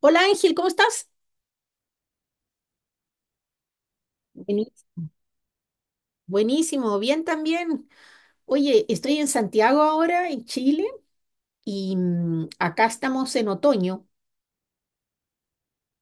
Hola Ángel, ¿cómo estás? Buenísimo. Buenísimo, bien también. Oye, estoy en Santiago ahora, en Chile, y acá estamos en otoño.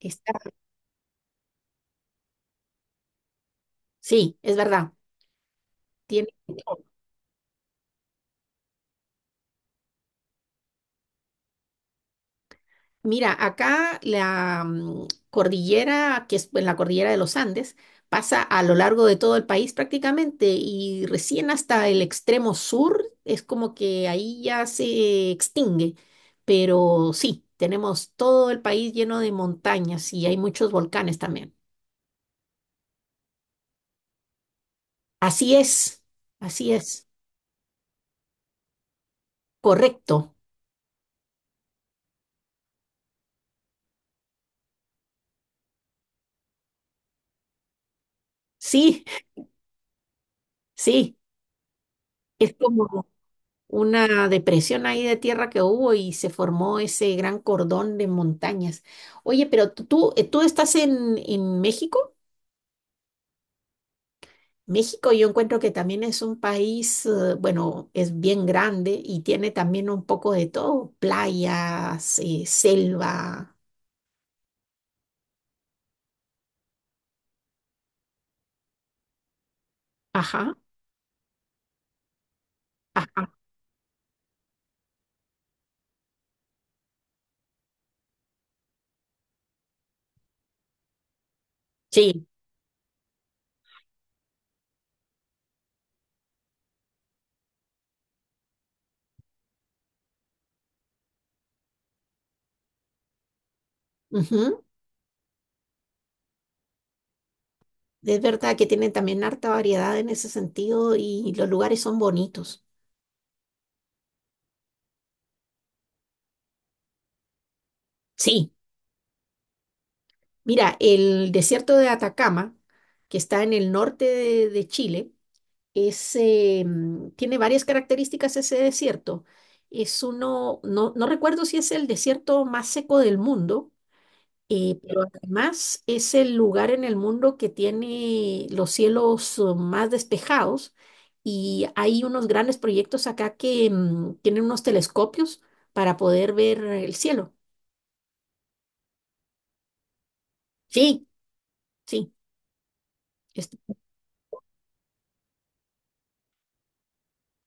Está, sí, es verdad. Tiene, mira, acá la cordillera, que es en la cordillera de los Andes, pasa a lo largo de todo el país prácticamente y recién hasta el extremo sur es como que ahí ya se extingue. Pero sí, tenemos todo el país lleno de montañas y hay muchos volcanes también. Así es, así es, correcto. Sí, sí, es como una depresión ahí de tierra que hubo y se formó ese gran cordón de montañas. Oye, pero tú estás en México. México yo encuentro que también es un país, bueno, es bien grande y tiene también un poco de todo, playas, selva. Ajá, ajá. Sí. Ujú. Es verdad que tienen también harta variedad en ese sentido y los lugares son bonitos. Sí. Mira, el desierto de Atacama, que está en el norte de Chile, es, tiene varias características ese desierto. Es uno, no, no recuerdo si es el desierto más seco del mundo, pero además es el lugar en el mundo que tiene los cielos más despejados, y hay unos grandes proyectos acá que tienen unos telescopios para poder ver el cielo. Sí, sí.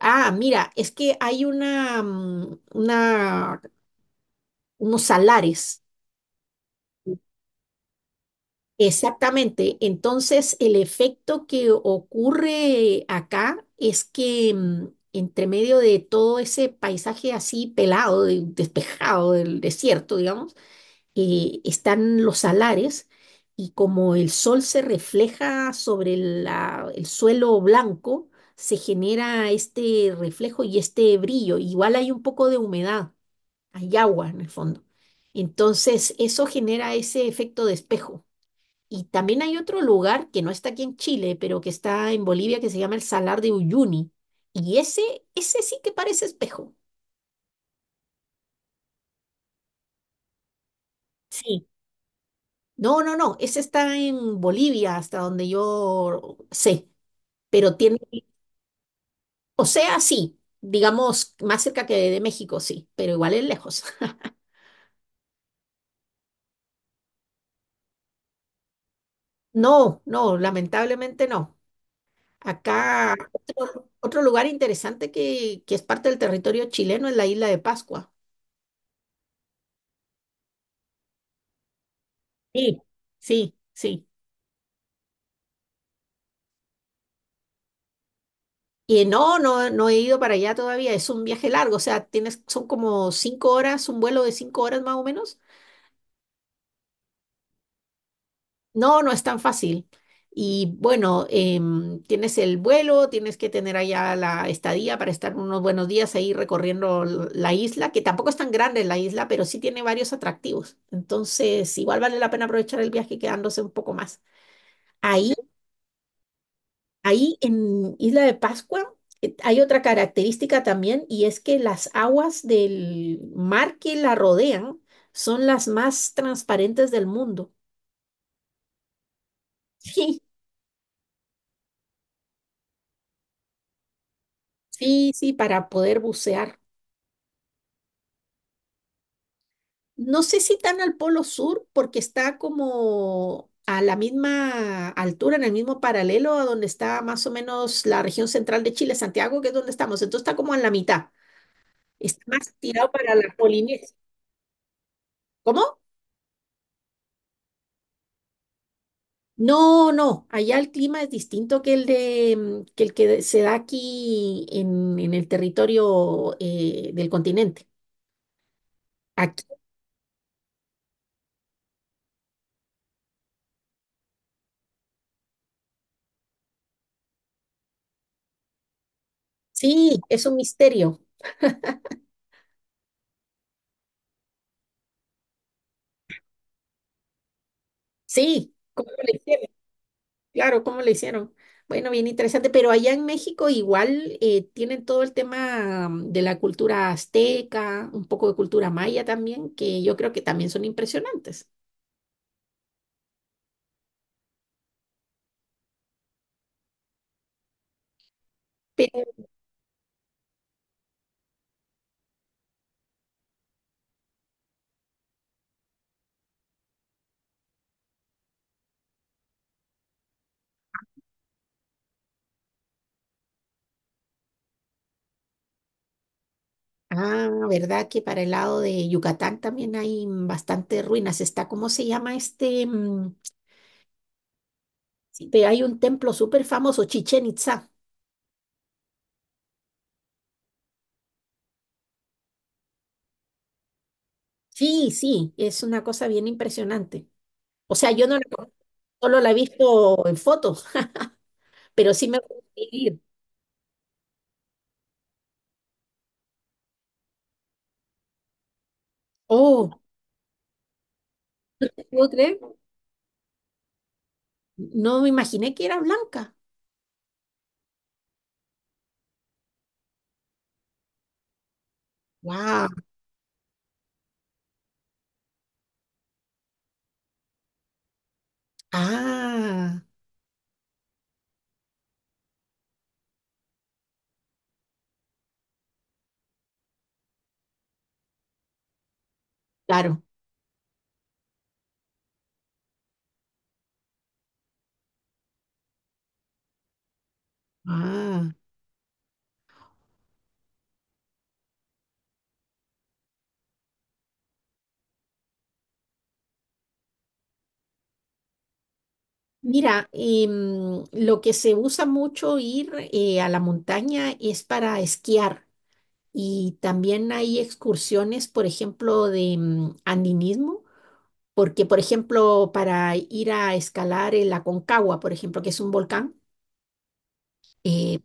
Ah, mira, es que hay unos salares. Exactamente. Entonces, el efecto que ocurre acá es que entre medio de todo ese paisaje así pelado, despejado del desierto, digamos, están los salares y como el sol se refleja sobre el suelo blanco, se genera este reflejo y este brillo. Igual hay un poco de humedad, hay agua en el fondo. Entonces, eso genera ese efecto de espejo. Y también hay otro lugar que no está aquí en Chile, pero que está en Bolivia, que se llama el Salar de Uyuni. Y ese sí que parece espejo. Sí. No, no, no, ese está en Bolivia, hasta donde yo sé, pero tiene, o sea, sí, digamos, más cerca que de México, sí, pero igual es lejos. No, no, lamentablemente no. Acá, otro lugar interesante que es parte del territorio chileno es la isla de Pascua. Sí. Sí, sí. Y no, no, no he ido para allá todavía. Es un viaje largo, o sea, tienes, son como 5 horas, un vuelo de 5 horas más o menos. No, no es tan fácil. Y bueno, tienes el vuelo, tienes que tener allá la estadía para estar unos buenos días ahí recorriendo la isla, que tampoco es tan grande la isla, pero sí tiene varios atractivos. Entonces, igual vale la pena aprovechar el viaje quedándose un poco más. Ahí, ahí en Isla de Pascua, hay otra característica también y es que las aguas del mar que la rodean son las más transparentes del mundo. Sí, sí, sí, para poder bucear. No sé si tan al polo sur, porque está como a la misma altura, en el mismo paralelo a donde está más o menos la región central de Chile, Santiago, que es donde estamos. Entonces está como en la mitad. Está más tirado para la Polinesia. ¿Cómo? No, no. Allá el clima es distinto que que el que se da aquí en el territorio del continente. Aquí, sí, es un misterio. Sí, ¿cómo le hicieron? Claro, ¿cómo le hicieron? Bueno, bien interesante, pero allá en México igual tienen todo el tema de la cultura azteca, un poco de cultura maya también, que yo creo que también son impresionantes. Pero, ah, ¿verdad que para el lado de Yucatán también hay bastantes ruinas? Está, ¿cómo se llama este? Este, hay un templo súper famoso, Chichen Itzá. Sí, sí, es una cosa bien impresionante. O sea, yo no la conozco, solo la he visto en fotos, pero sí me gustaría ir. Oh, ¿puedo creer? No me imaginé que era blanca. Wow. Ah, claro. Ah. Mira, lo que se usa mucho ir a la montaña es para esquiar y también hay excursiones, por ejemplo, de andinismo, porque, por ejemplo, para ir a escalar el Aconcagua, por ejemplo, que es un volcán, eh.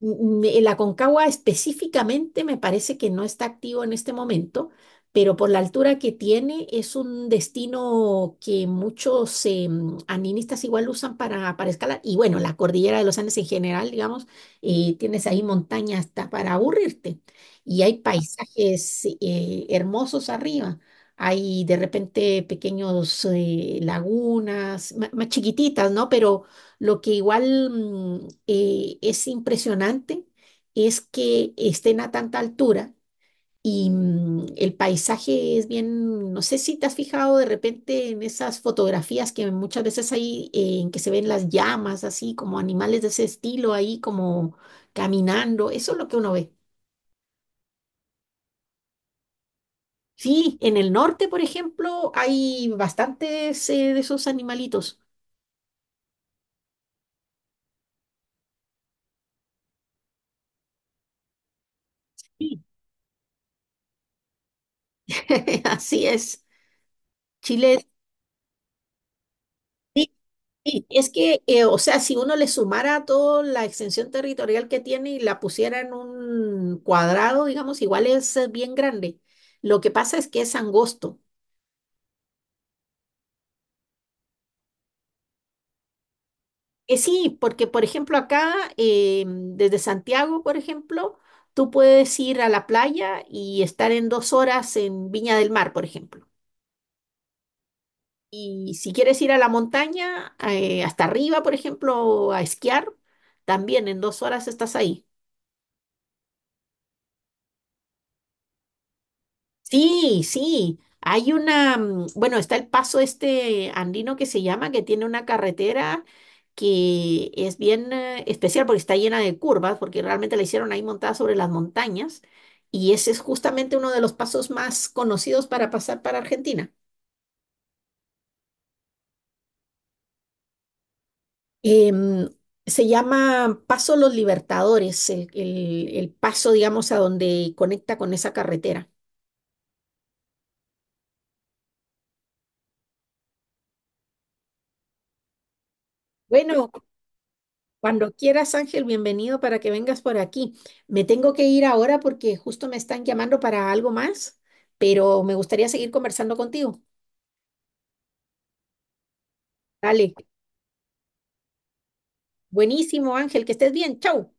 El Aconcagua específicamente me parece que no está activo en este momento, pero por la altura que tiene es un destino que muchos andinistas igual usan para escalar. Y bueno, la cordillera de los Andes en general, digamos, tienes ahí montañas hasta para aburrirte. Y hay paisajes hermosos arriba. Hay de repente pequeños lagunas, más chiquititas, ¿no? Pero lo que igual es impresionante es que estén a tanta altura y el paisaje es bien, no sé si te has fijado de repente en esas fotografías que muchas veces hay en que se ven las llamas, así como animales de ese estilo ahí como caminando, eso es lo que uno ve. Sí, en el norte, por ejemplo, hay bastantes de esos animalitos. Sí. Así es. Chile. Sí, sí, es que, o sea, si uno le sumara toda la extensión territorial que tiene y la pusiera en un cuadrado, digamos, igual es bien grande. Lo que pasa es que es angosto. Sí, porque, por ejemplo, acá, desde Santiago, por ejemplo, tú puedes ir a la playa y estar en 2 horas en Viña del Mar, por ejemplo. Y si quieres ir a la montaña, hasta arriba, por ejemplo, a esquiar, también en 2 horas estás ahí. Sí, sí. Hay una, bueno, está el paso este andino que se llama, que tiene una carretera que es bien especial porque está llena de curvas, porque realmente la hicieron ahí montada sobre las montañas. Y ese es justamente uno de los pasos más conocidos para pasar para Argentina. Em, se llama Paso Los Libertadores, el, el paso, digamos, a donde conecta con esa carretera. Bueno, cuando quieras, Ángel, bienvenido para que vengas por aquí. Me tengo que ir ahora porque justo me están llamando para algo más, pero me gustaría seguir conversando contigo. Dale, buenísimo, Ángel, que estés bien. Chau.